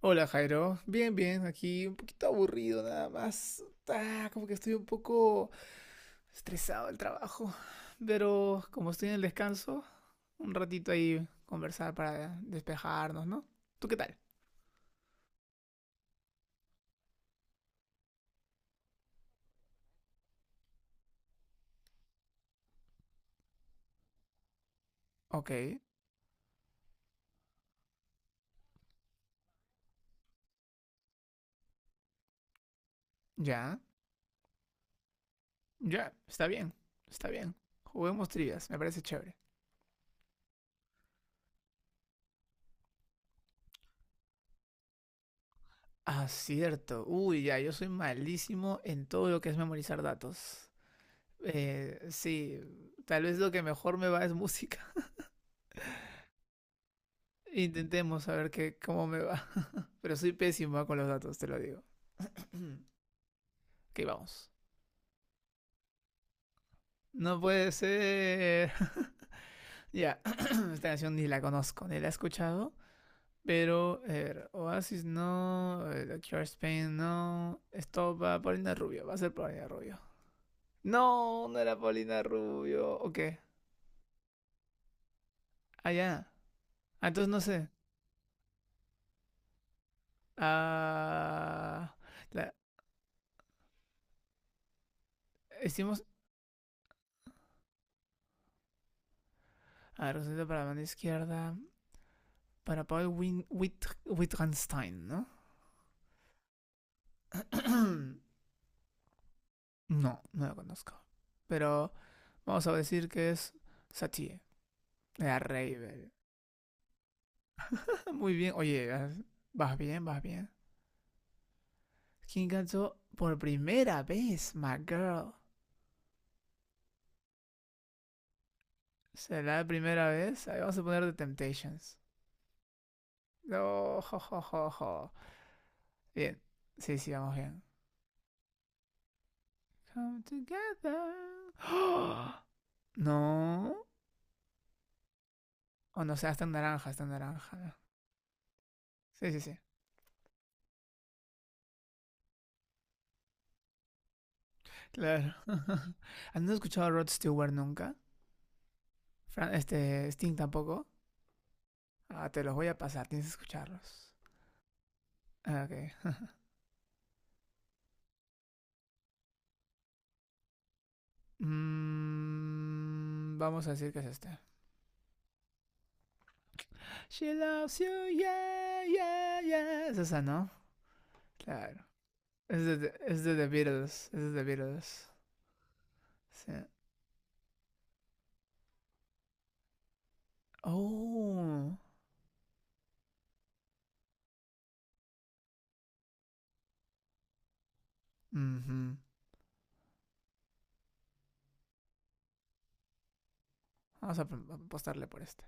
Hola Jairo, bien, bien, aquí un poquito aburrido nada más. Como que estoy un poco estresado del trabajo, pero como estoy en el descanso, un ratito ahí conversar para despejarnos, ¿no? ¿Tú qué tal? Ok, ya, ya, está bien, está bien. Juguemos trivias, me parece chévere. Ah, cierto. Uy, ya, yo soy malísimo en todo lo que es memorizar datos. Sí, tal vez lo que mejor me va es música. Intentemos a ver qué, cómo me va. Pero soy pésimo ah, con los datos, te lo digo. Ok, vamos. No puede ser. Ya, esta canción ni la conozco, ni la he escuchado. Pero, a ver, Oasis no, The Doctor Spain no. Esto va a Paulina Rubio, va a ser Paulina Rubio. No, no era Paulina Rubio. Ok, allá. Ah, entonces no sé. Ah, la, hicimos. A ver, para la mano izquierda. Para Paul Win, Wittgenstein, ¿no? No, no lo conozco. Pero vamos a decir que es Satie. Era rey. Muy bien. Oye, vas bien, vas bien. ¿Quién cantó por primera vez my girl? ¿Será la primera vez? Ahí vamos a poner The Temptations. No, jo, jo, jo, jo. Bien. Sí, sí, vamos bien. Come together. ¡Ah! No. O Oh, no, o sea, está en naranja, está en naranja, ¿no? Sí, sí, sí. Claro. ¿Han escuchado a Rod Stewart nunca? Sting tampoco. Ah, te los voy a pasar, tienes que escucharlos. Ah, ok. Vamos a decir que es este. She loves you, yeah, yeah, yeah. Es esa, ¿no? Claro. Es de The Beatles. Es de The Beatles. Sí. Oh. Ujú. Apostarle por este.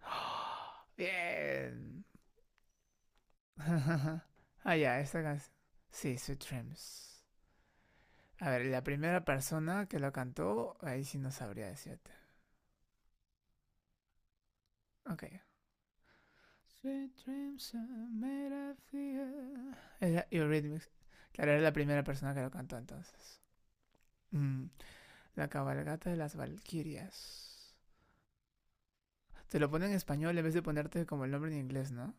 Oh, bien. Ah, ya, esta canción. Sí, Sweet Dreams. A ver, la primera persona que lo cantó, ahí sí no sabría decirte. Ok. Sweet dreams are made of the. Era Eurythmics. Claro, era la primera persona que lo cantó entonces. Mm, La cabalgata de las Valquirias. Te lo pone en español en vez de ponerte como el nombre en inglés, ¿no?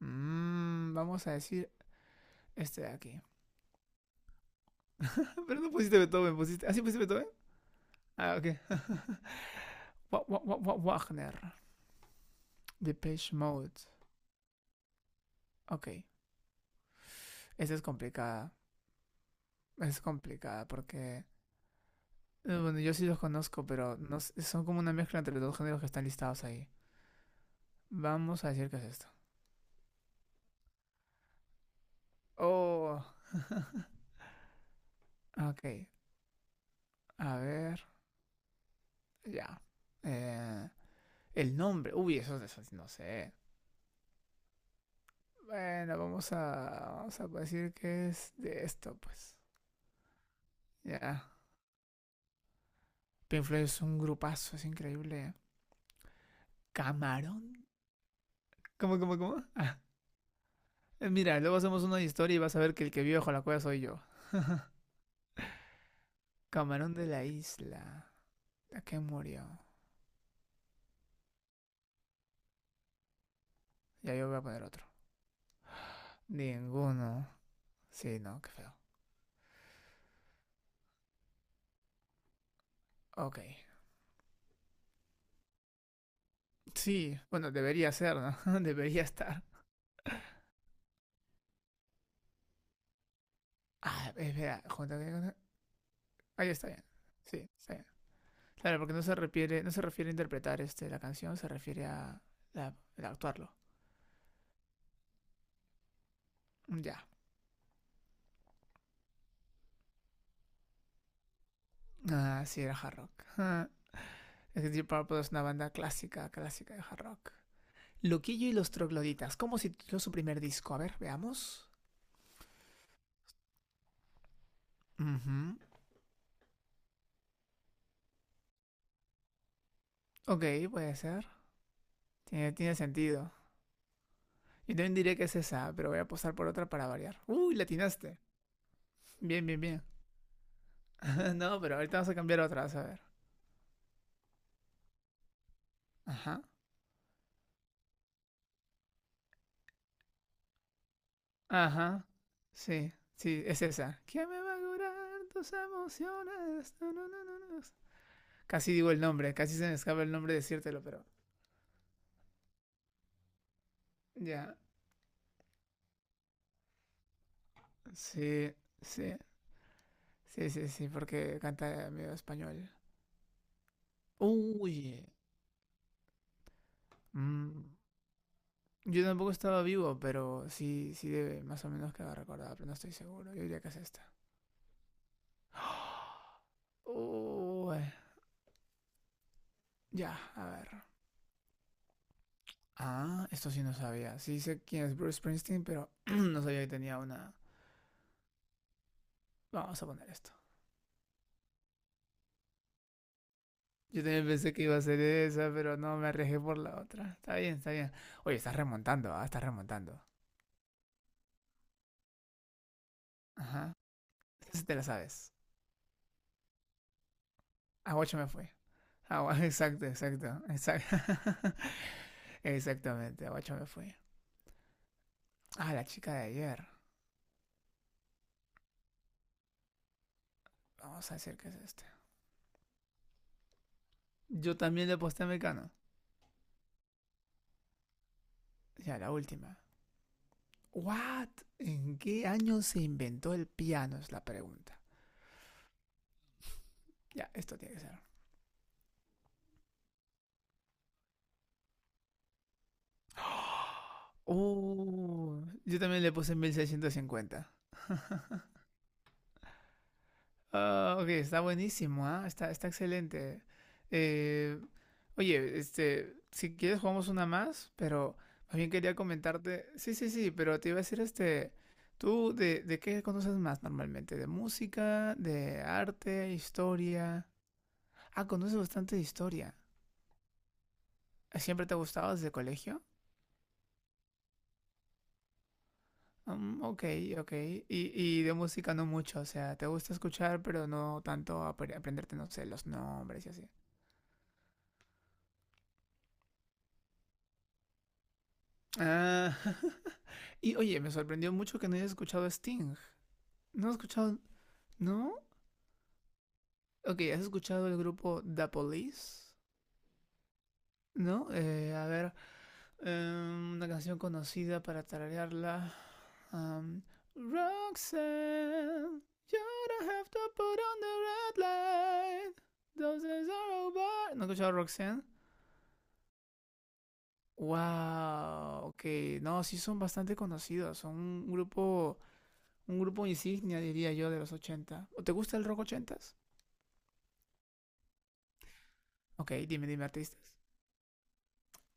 Vamos a decir este de aquí. Pero no pusiste Beethoven, pusiste... ¿Así pusiste Beethoven? Ah, ok. Wagner. Depeche Mode. Ok. Esta es complicada. Es complicada porque bueno, yo sí los conozco, pero no s- son como una mezcla entre los dos géneros que están listados ahí. Vamos a decir que es esto. Oh, ok. A ver, ya. Eh, el nombre. Uy, eso sí no sé. Bueno, vamos a decir que es de esto, pues. Ya. Pink Floyd es un grupazo, es increíble. ¿Camarón? ¿Cómo, cómo, cómo? Mira, luego hacemos una historia y vas a ver que el que vive bajo la cueva soy yo. Camarón de la isla. ¿A qué murió? Ya yo voy a poner otro. Ninguno. Sí, no, qué feo. Ok. Sí, bueno, debería ser, ¿no? Debería estar. Ah, espera, junta- Ahí está bien. Sí, está bien. Claro, porque no se refiere, no se refiere a interpretar este, la canción, se refiere a, la- a actuarlo. Ya. Ah, sí, era hard rock. Ah, es que Deep Purple es una banda clásica, clásica de hard rock. Loquillo y los trogloditas. ¿Cómo se tituló su primer disco? A ver, veamos. Ujú. Ok, puede ser. Tiene sentido. Yo también diría que es esa, pero voy a apostar por otra para variar. Uy, la atinaste. Bien, bien, bien. No, pero ahorita vamos a cambiar otra, vas a ver. Ajá. Ajá. Sí, sí, es esa. ¿Qué me va a curar tus emociones? No, no, no, no, no. Casi digo el nombre, casi se me escapa el nombre decírtelo, pero. Ya. Sí, sí. Sí, sí, sí, porque canta medio español. Uy. Mm, Yo tampoco estaba vivo, pero sí, sí debe más o menos quedar recordada, pero no estoy seguro. Yo diría que es esta. Uy, ya, a ver. Ah, esto sí no sabía. Sí sé quién es Bruce Springsteen, pero no sabía que tenía una... Vamos a poner esto. Yo también pensé que iba a ser esa, pero no, me arriesgué por la otra. Está bien, está bien. Oye, estás remontando, ah, estás remontando. Ajá. Esa te la sabes. Aguacho me fue. Agua, exacto, exacto, exacto. Exactamente, Aguacho me fui. Ah, la chica de ayer. Vamos a decir que es este. Yo también le aposté a Mecano. Ya, la última. What? ¿En qué año se inventó el piano? Es la pregunta. Ya, esto tiene que ser. Oh, yo también le puse 1650. Ah, ok, está buenísimo, ¿ah? Está, está excelente. Eh, Oye, este, si quieres jugamos una más, pero más bien quería comentarte. Sí, sí, sí, pero te iba a decir, este, ¿de qué conoces más normalmente? ¿De música, de arte, historia? Ah, conoces bastante de historia. ¿Siempre te ha gustado desde colegio? Ok, ok. Y de música no mucho, o sea, te gusta escuchar, pero no tanto aprenderte, no sé, los nombres y así. Ah, y oye, me sorprendió mucho que no hayas escuchado a Sting. ¿No has escuchado? ¿No? Ok, ¿has escuchado el grupo The Police? ¿No? A ver, una canción conocida para tararearla. am, Roxanne, you don't have to put on the red light. Those days are over. ¿No has escuchado a Roxanne? Wow, ok. No, sí son bastante conocidos. Son un grupo insignia, diría yo, de los 80. ¿O ¿te gusta el rock ochentas? s. Ok, dime, dime artistas.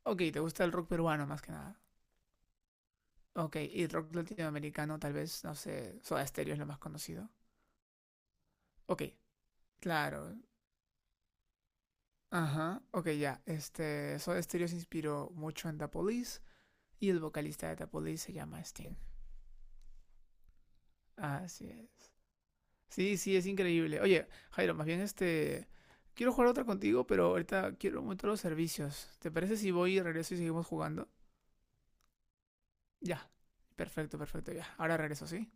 Ok, ¿te gusta el rock peruano más que nada? Ok, y rock latinoamericano, tal vez, no sé, Soda Stereo es lo más conocido. Ok, claro. Ajá, ok, ya. Este, Soda Stereo se inspiró mucho en The Police y el vocalista de The Police se llama Sting. Así es. Sí, sí, es increíble. Oye, Jairo, más bien este... Quiero jugar otra contigo, pero ahorita quiero un momento los servicios. ¿Te parece si voy y regreso y seguimos jugando? Ya, perfecto, perfecto, ya. Ahora regreso, ¿sí?